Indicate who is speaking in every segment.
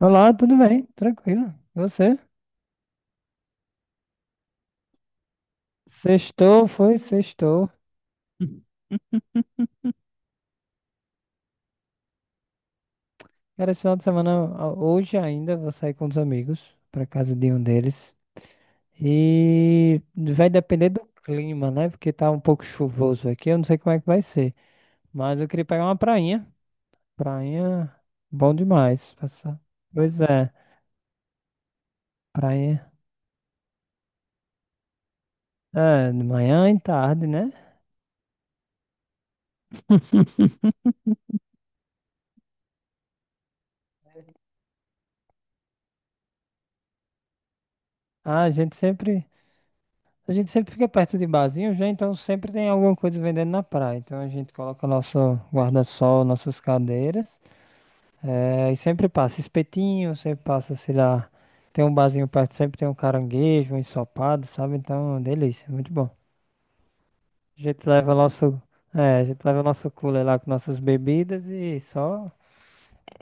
Speaker 1: Olá, tudo bem? Tranquilo. E você? Sextou, foi? Sextou. Hum. Cara, esse final de semana, hoje ainda, vou sair com os amigos, pra casa de um deles. E vai depender do clima, né? Porque tá um pouco chuvoso aqui, eu não sei como é que vai ser. Mas eu queria pegar uma prainha. Prainha, bom demais. Passar. Pois é, prainha. É, de manhã e tarde, né? Ah, A gente sempre fica perto de barzinhos, né? Então sempre tem alguma coisa vendendo na praia. Então a gente coloca nosso guarda-sol, nossas cadeiras. É e sempre passa espetinho, sempre passa, sei lá. Tem um barzinho perto, sempre tem um caranguejo, um ensopado, sabe? Então, delícia, muito bom. A gente leva nosso, a gente leva nosso cooler lá com nossas bebidas e só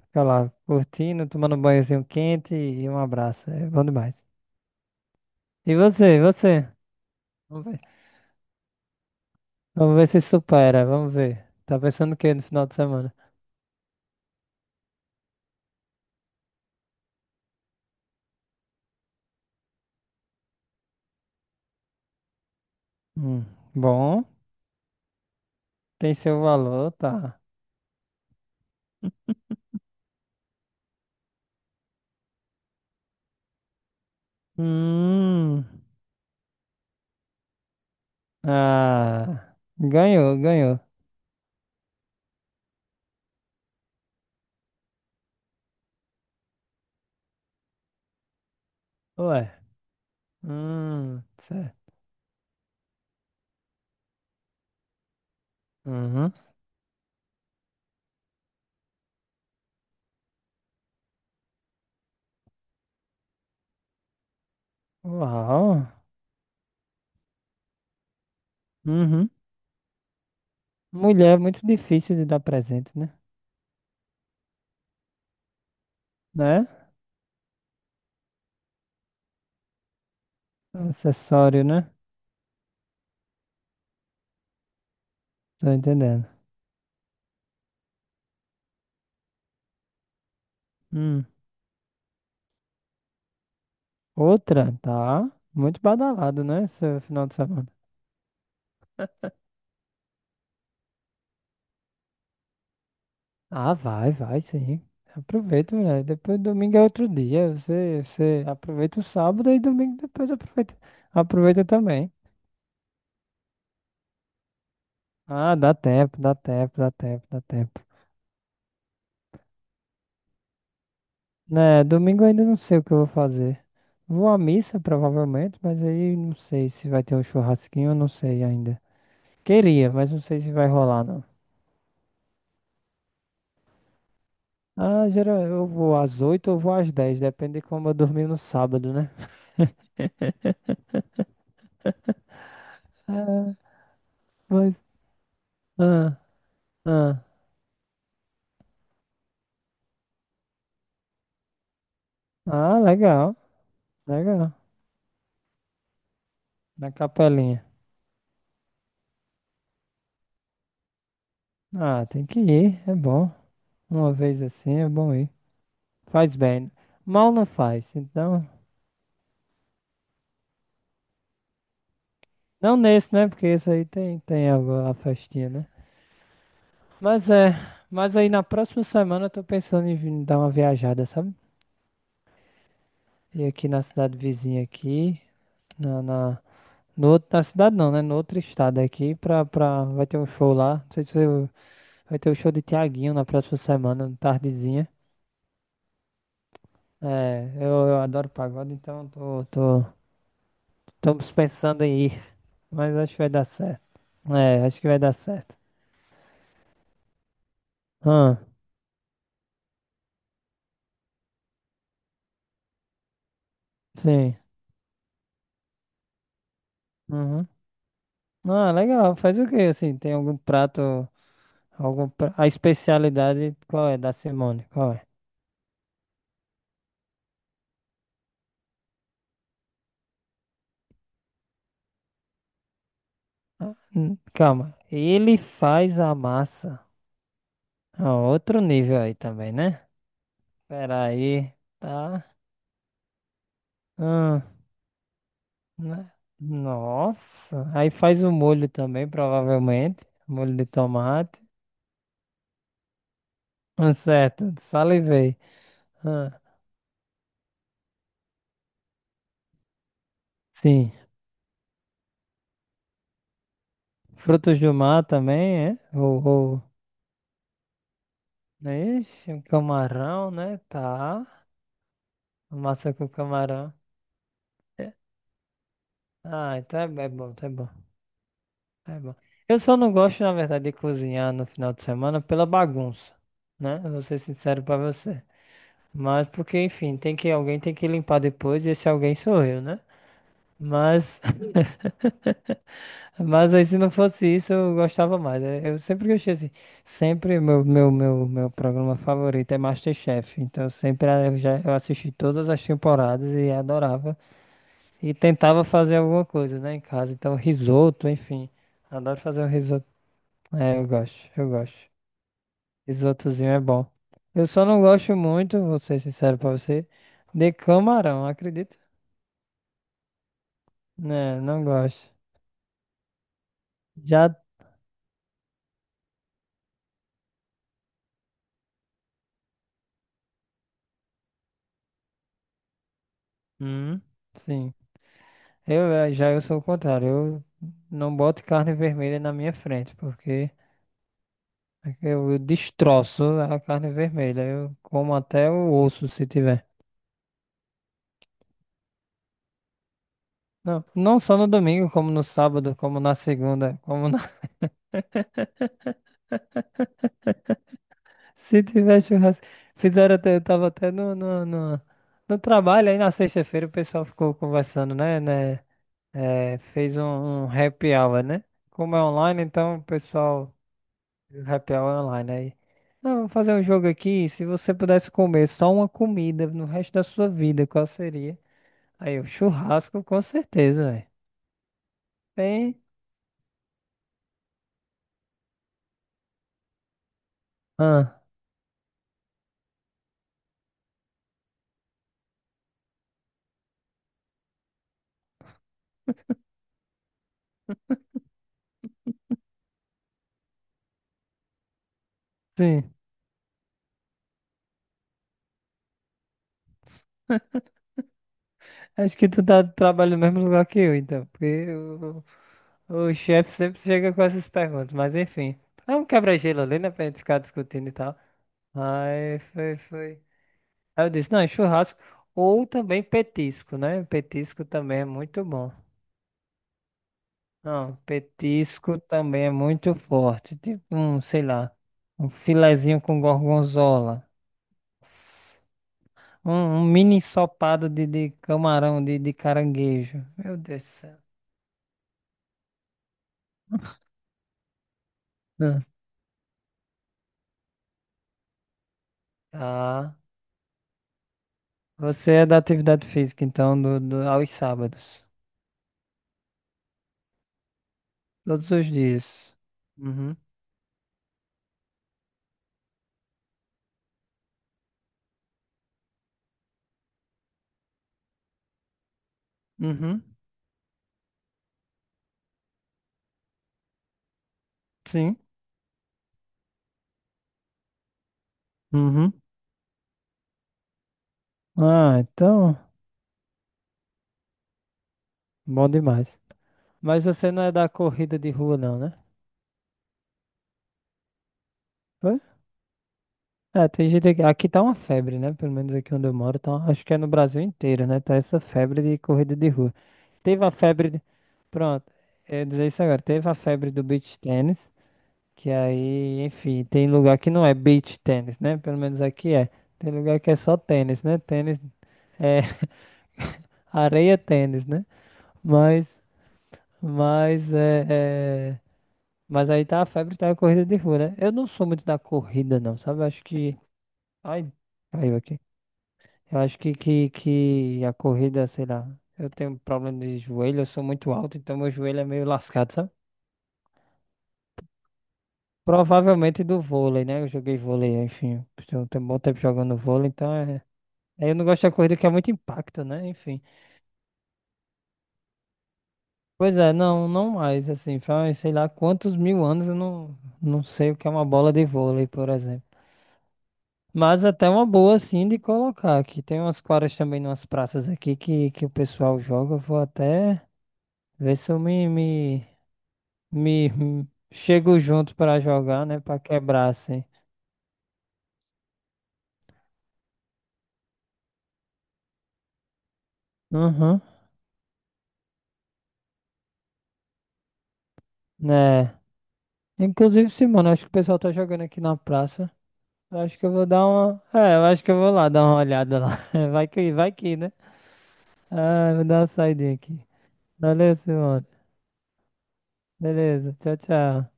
Speaker 1: fica lá curtindo, tomando um banhozinho quente e um abraço. É bom demais. E você, você? Vamos ver. Vamos ver se supera, vamos ver. Tá pensando o quê no final de semana? Hum, bom, tem seu valor, tá. Hum, ah, ganhou, ganhou. Ué, certo. Uhum. Uau. Uhum. Mulher é muito difícil de dar presente, né? Né? É um acessório, né? Tô entendendo. Hum. Outra, tá. Muito badalado, né, seu final de semana. Ah, vai, vai, sim. Aproveita, mulher. Depois domingo é outro dia. Você, você aproveita o sábado e domingo depois aproveita. Aproveita também. Ah, dá tempo, dá tempo, dá tempo, dá tempo. Né, domingo eu ainda não sei o que eu vou fazer. Vou à missa, provavelmente, mas aí não sei se vai ter um churrasquinho, eu não sei ainda. Queria, mas não sei se vai rolar, não. Ah, geral, eu vou às 8 ou vou às 10, depende de como eu dormir no sábado, né? Ah, mas. Ah, ah. Ah, legal. Legal. Na capelinha. Ah, tem que ir, é bom. Uma vez assim é bom ir. Faz bem. Mal não faz, então. Não nesse, né? Porque esse aí tem, tem algo, a festinha, né? Mas é. Mas aí na próxima semana eu tô pensando em vir dar uma viajada, sabe? E aqui na cidade vizinha aqui. Na, na, no outro, na cidade não, né? No outro estado aqui, vai ter um show lá. Não sei se eu- vai ter o show de Tiaguinho na próxima semana, tardezinha. É, eu adoro pagode, então tô estamos pensando em ir, mas acho que vai dar certo. É, acho que vai dar certo. Ah, sim. Uhum. Ah, legal. Faz o quê, assim? Tem algum prato, algum pra... A especialidade, qual é da Simone? Qual é? Ah, calma. Ele faz a massa. Ah, outro nível aí também, né? Pera aí, tá? Ah, né? Nossa. Aí faz o molho também, provavelmente. Molho de tomate. Ah, certo, salivei. Ah, sim. Frutos do mar também, é? Ou... Ixi, um camarão, né? Tá. Massa com camarão. É. Ah, então é bom, tá bom, é bom. Eu só não gosto, na verdade, de cozinhar no final de semana pela bagunça, né? Eu vou ser sincero pra você. Mas porque, enfim, tem que alguém tem que limpar depois e esse alguém sou eu, né? Mas mas aí se não fosse isso, eu gostava mais. É, eu sempre gostei assim. Sempre meu programa favorito é MasterChef. Então eu já eu assisti todas as temporadas e adorava. E tentava fazer alguma coisa, né, em casa. Então risoto, enfim. Adoro fazer um risoto. É, eu gosto. Risotozinho é bom. Eu só não gosto muito, vou ser sincero pra você, de camarão, acredita? Né, não gosto. Já. Hum, sim. Já eu sou o contrário. Eu não boto carne vermelha na minha frente, porque eu destroço a carne vermelha. Eu como até o osso se tiver. Não, não só no domingo, como no sábado, como na segunda, como na... Se tiver churrasco. Fizeram até, eu tava até no trabalho, aí na sexta-feira o pessoal ficou conversando, né? eh, fez um, um happy hour, né? Como é online, então o pessoal. Happy Hour Online aí. Não, vamos fazer um jogo aqui. Se você pudesse comer só uma comida no resto da sua vida, qual seria? Aí, o churrasco, com certeza, velho. Bem. Ah, sim. Acho que tu tá trabalhando no mesmo lugar que eu, então. Porque o chefe sempre chega com essas perguntas. Mas enfim. É um quebra-gelo ali, né, pra gente ficar discutindo e tal. Aí foi, foi. Aí eu disse, não, é churrasco. Ou também petisco, né? Petisco também é muito bom. Não, petisco também é muito forte. Tipo um, sei lá, um filezinho com gorgonzola. Nossa. Um, um mini ensopado de camarão, de caranguejo. Meu Deus do céu. Hum. Tá. Você é da atividade física, então, aos sábados. Todos os dias. Uhum. Uhum. Sim. Uhum. Ah, então, bom demais. Mas você não é da corrida de rua, não, né? É, tem gente aqui, aqui tá uma febre, né? Pelo menos aqui onde eu moro, tá, acho que é no Brasil inteiro, né? Tá essa febre de corrida de rua. Teve a febre de... Pronto, eu ia dizer isso agora. Teve a febre do beach tennis, que aí, enfim, tem lugar que não é beach tennis, né? Pelo menos aqui é. Tem lugar que é só tênis, né? Tênis é areia tênis, né? Mas, mas é, é- mas aí tá a febre, tá a corrida de rua, né? Eu não sou muito da corrida, não, sabe? Acho que, ai, caiu aqui. Eu acho que, que a corrida, sei lá, eu tenho problema de joelho, eu sou muito alto, então meu joelho é meio lascado, sabe? Provavelmente do vôlei, né? Eu joguei vôlei, enfim, eu tenho um bom tempo jogando vôlei, então é. Aí eu não gosto da corrida que é muito impacto, né? Enfim. Pois é, não, não mais, assim, faz, sei lá, quantos mil anos eu não, não sei o que é uma bola de vôlei, por exemplo. Mas até uma boa, assim, de colocar aqui. Tem umas quadras também, umas praças aqui que o pessoal joga, eu vou até ver se eu me... me- Me me- chego junto pra jogar, né? Pra quebrar, assim. Uhum, né? Inclusive, sim, acho que o pessoal tá jogando aqui na praça. Eu acho que eu vou dar uma. É, eu acho que eu vou lá dar uma olhada lá. Vai que, né? Ah, vou dar uma saidinha aqui. Valeu, Simone. Beleza, tchau, tchau.